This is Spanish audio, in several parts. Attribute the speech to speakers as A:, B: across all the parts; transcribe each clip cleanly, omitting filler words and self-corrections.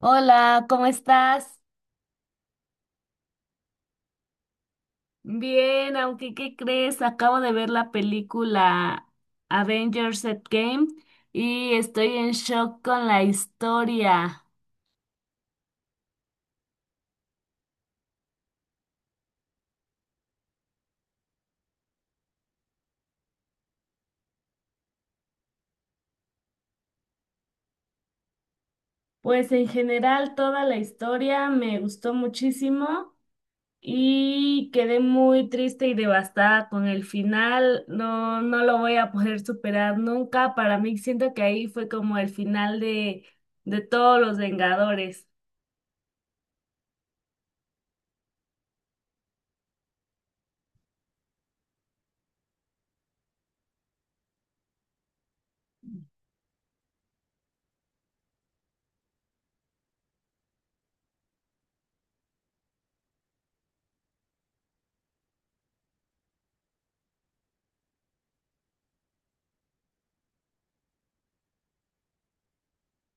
A: Hola, ¿cómo estás? Bien, aunque ¿qué crees? Acabo de ver la película Avengers Endgame y estoy en shock con la historia. Pues en general toda la historia me gustó muchísimo y quedé muy triste y devastada con el final. No, no lo voy a poder superar nunca. Para mí siento que ahí fue como el final de todos los Vengadores.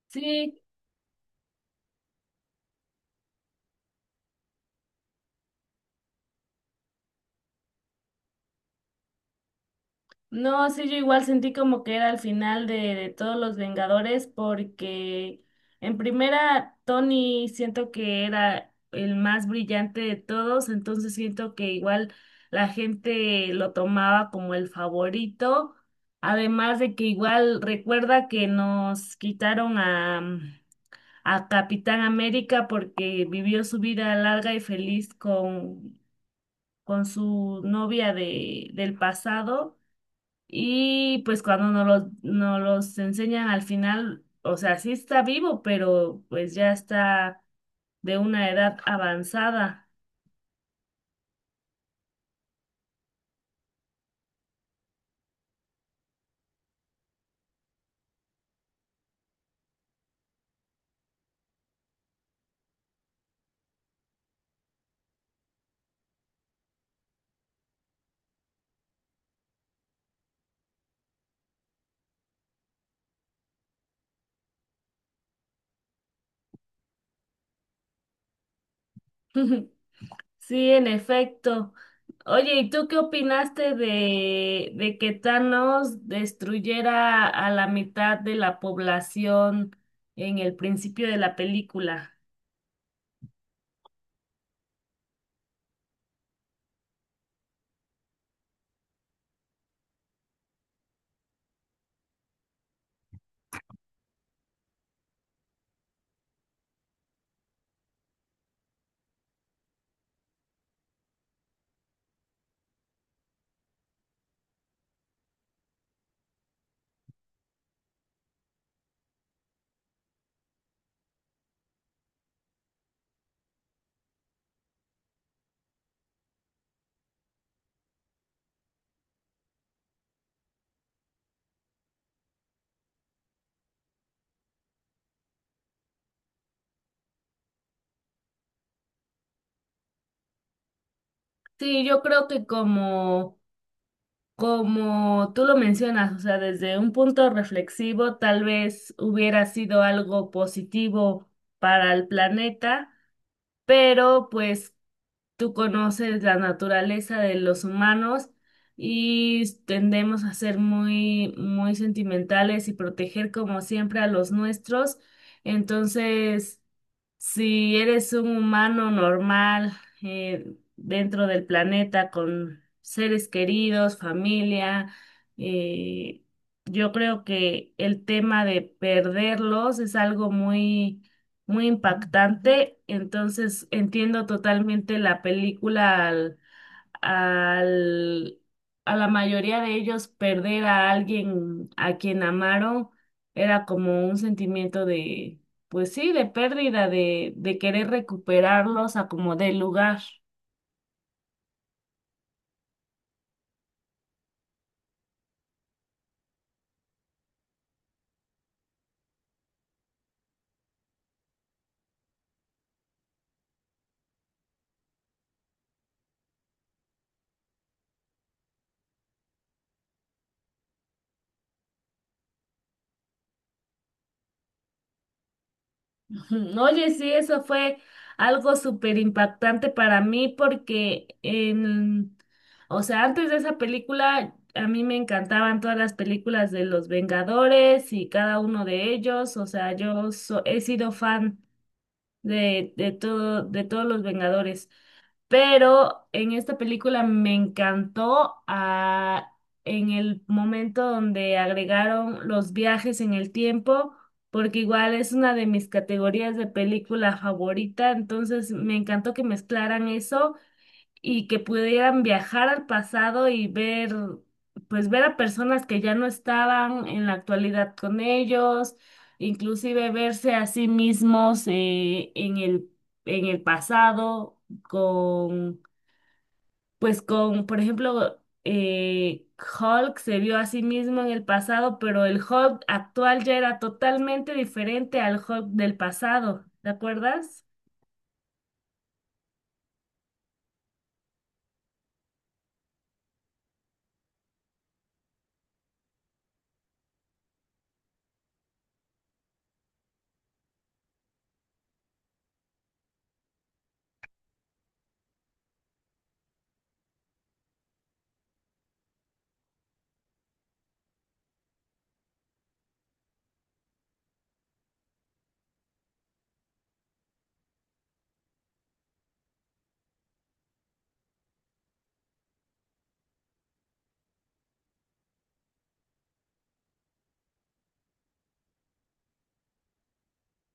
A: Sí, no, sí, yo igual sentí como que era el final de todos los Vengadores porque en primera Tony siento que era el más brillante de todos, entonces siento que igual la gente lo tomaba como el favorito, además de que igual recuerda que nos quitaron a Capitán América porque vivió su vida larga y feliz con su novia de, del pasado. Y pues cuando nos los enseñan al final, o sea, sí está vivo, pero pues ya está de una edad avanzada. Sí, en efecto. Oye, ¿y tú qué opinaste de que Thanos destruyera a la mitad de la población en el principio de la película? Sí, yo creo que como como tú lo mencionas, o sea, desde un punto reflexivo, tal vez hubiera sido algo positivo para el planeta, pero pues tú conoces la naturaleza de los humanos y tendemos a ser muy, muy sentimentales y proteger como siempre a los nuestros. Entonces, si eres un humano normal eh, dentro del planeta con seres queridos, familia, eh, yo creo que el tema de perderlos es algo muy, muy impactante. Entonces entiendo totalmente la película al, a la mayoría de ellos perder a alguien a quien amaron era como un sentimiento de, pues sí, de pérdida, de querer recuperarlos a como del lugar. Ujú. Oye, sí, eso fue algo súper impactante para mí porque en, o sea, antes de esa película a mí me encantaban todas las películas de los Vengadores y cada uno de ellos, o sea, yo so- he sido fan de todo, de todos los Vengadores. Pero en esta película me encantó en el momento donde agregaron los viajes en el tiempo, porque igual es una de mis categorías de película favorita, entonces me encantó que mezclaran eso y que pudieran viajar al pasado y ver, pues ver a personas que ya no estaban en la actualidad con ellos, inclusive verse a sí mismos en el pasado con, pues con, por ejemplo, eh, Hulk se vio a sí mismo en el pasado, pero el Hulk actual ya era totalmente diferente al Hulk del pasado, ¿te acuerdas?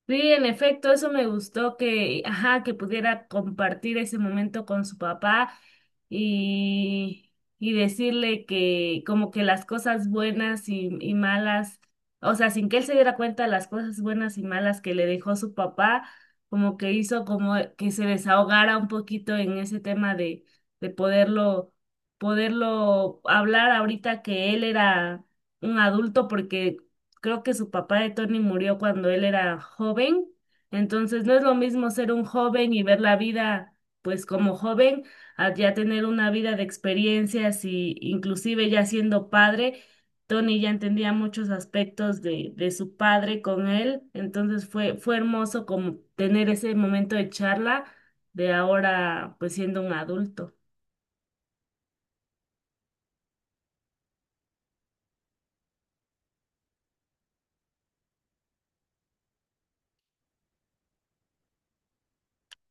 A: Sí, en efecto, eso me gustó que, ajá, que pudiera compartir ese momento con su papá y, y decirle que como que las cosas buenas y malas, o sea, sin que él se diera cuenta de las cosas buenas y malas que le dejó su papá, como que hizo como que se desahogara un poquito en ese tema de poderlo, poderlo hablar ahorita que él era un adulto porque creo que su papá de Tony murió cuando él era joven, entonces no es lo mismo ser un joven y ver la vida pues como joven, a ya tener una vida de experiencias y inclusive ya siendo padre, Tony ya entendía muchos aspectos de su padre con él, entonces fue, fue hermoso como tener ese momento de charla de ahora pues siendo un adulto.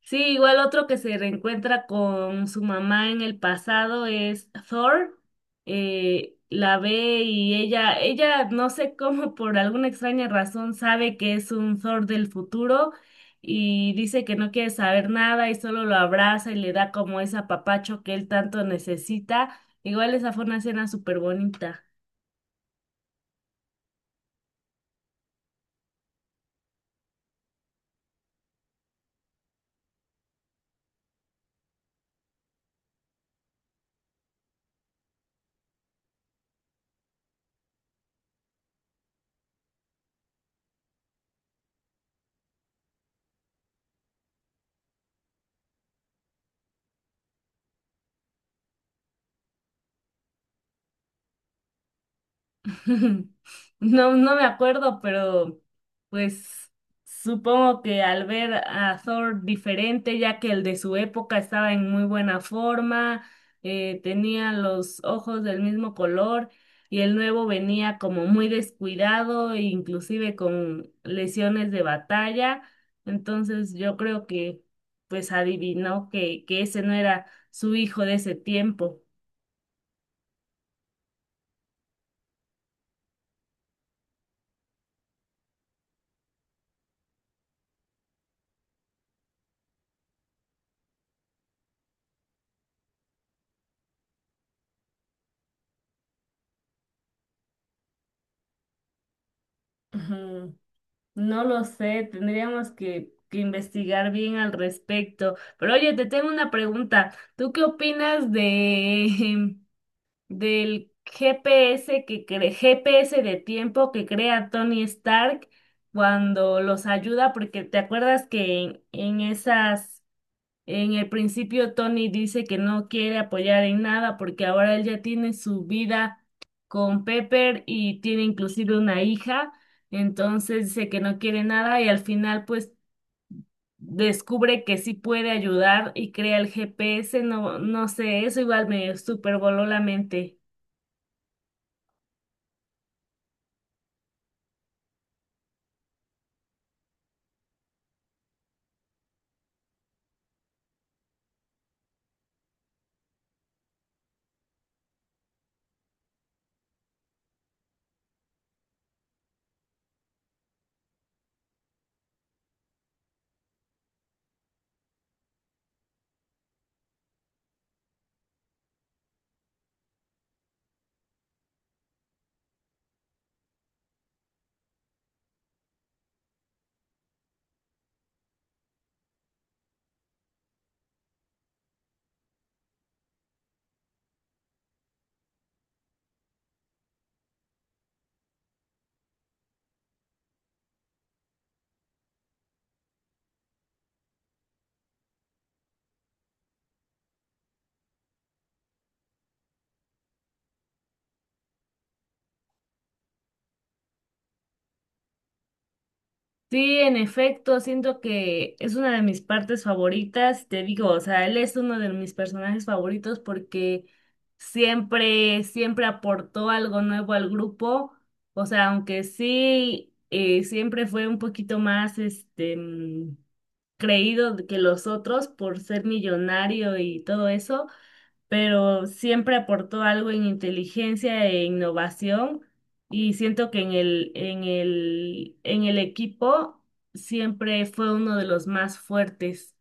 A: Sí, igual otro que se reencuentra con su mamá en el pasado es Thor. La ve y ella no sé cómo, por alguna extraña razón, sabe que es un Thor del futuro y dice que no quiere saber nada y solo lo abraza y le da como ese apapacho que él tanto necesita. Igual esa fue una escena súper bonita. No, no me acuerdo, pero pues supongo que al ver a Thor diferente, ya que el de su época estaba en muy buena forma, tenía los ojos del mismo color y el nuevo venía como muy descuidado, e inclusive con lesiones de batalla. Entonces yo creo que pues adivinó que ese no era su hijo de ese tiempo. Ujú. No lo sé, tendríamos que investigar bien al respecto. Pero oye, te tengo una pregunta. ¿Tú qué opinas de del GPS GPS de tiempo que crea Tony Stark cuando los ayuda? Porque te acuerdas que en esas en el principio, Tony dice que no quiere apoyar en nada porque ahora él ya tiene su vida con Pepper y tiene inclusive una hija, entonces dice que no quiere nada y al final pues descubre que sí puede ayudar y crea el GPS, no, no sé, eso igual me super voló la mente. Sí, en efecto, siento que es una de mis partes favoritas, te digo, o sea, él es uno de mis personajes favoritos porque siempre, siempre aportó algo nuevo al grupo, o sea, aunque sí, siempre fue un poquito más, este, mm, creído que los otros por ser millonario y todo eso, pero siempre aportó algo en inteligencia e innovación y siento que en el, en el, en el equipo siempre fue uno de los más fuertes.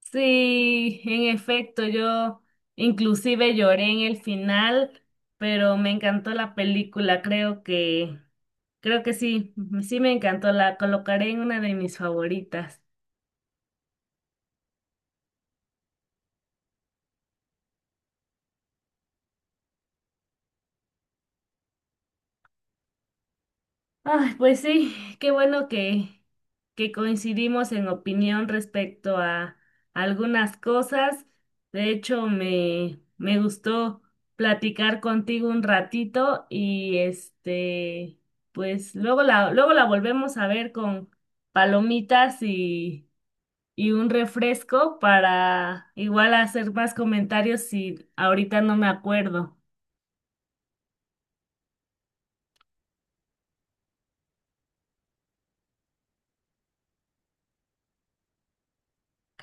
A: Sí, en efecto, yo inclusive lloré en el final, pero me encantó la película, creo que sí, sí me encantó, la colocaré en una de mis favoritas. Ay, pues sí, qué bueno que coincidimos en opinión respecto a algunas cosas. De hecho, me gustó platicar contigo un ratito y este, pues luego la volvemos a ver con palomitas y un refresco para igual hacer más comentarios si ahorita no me acuerdo.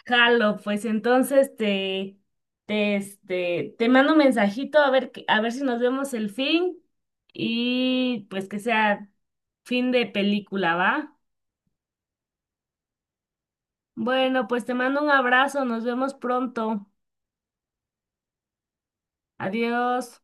A: Jalo, pues entonces te, este, te mando un mensajito a ver, que- a ver si nos vemos el fin y pues que sea fin de película, ¿va? Bueno, pues te mando un abrazo, nos vemos pronto. Adiós.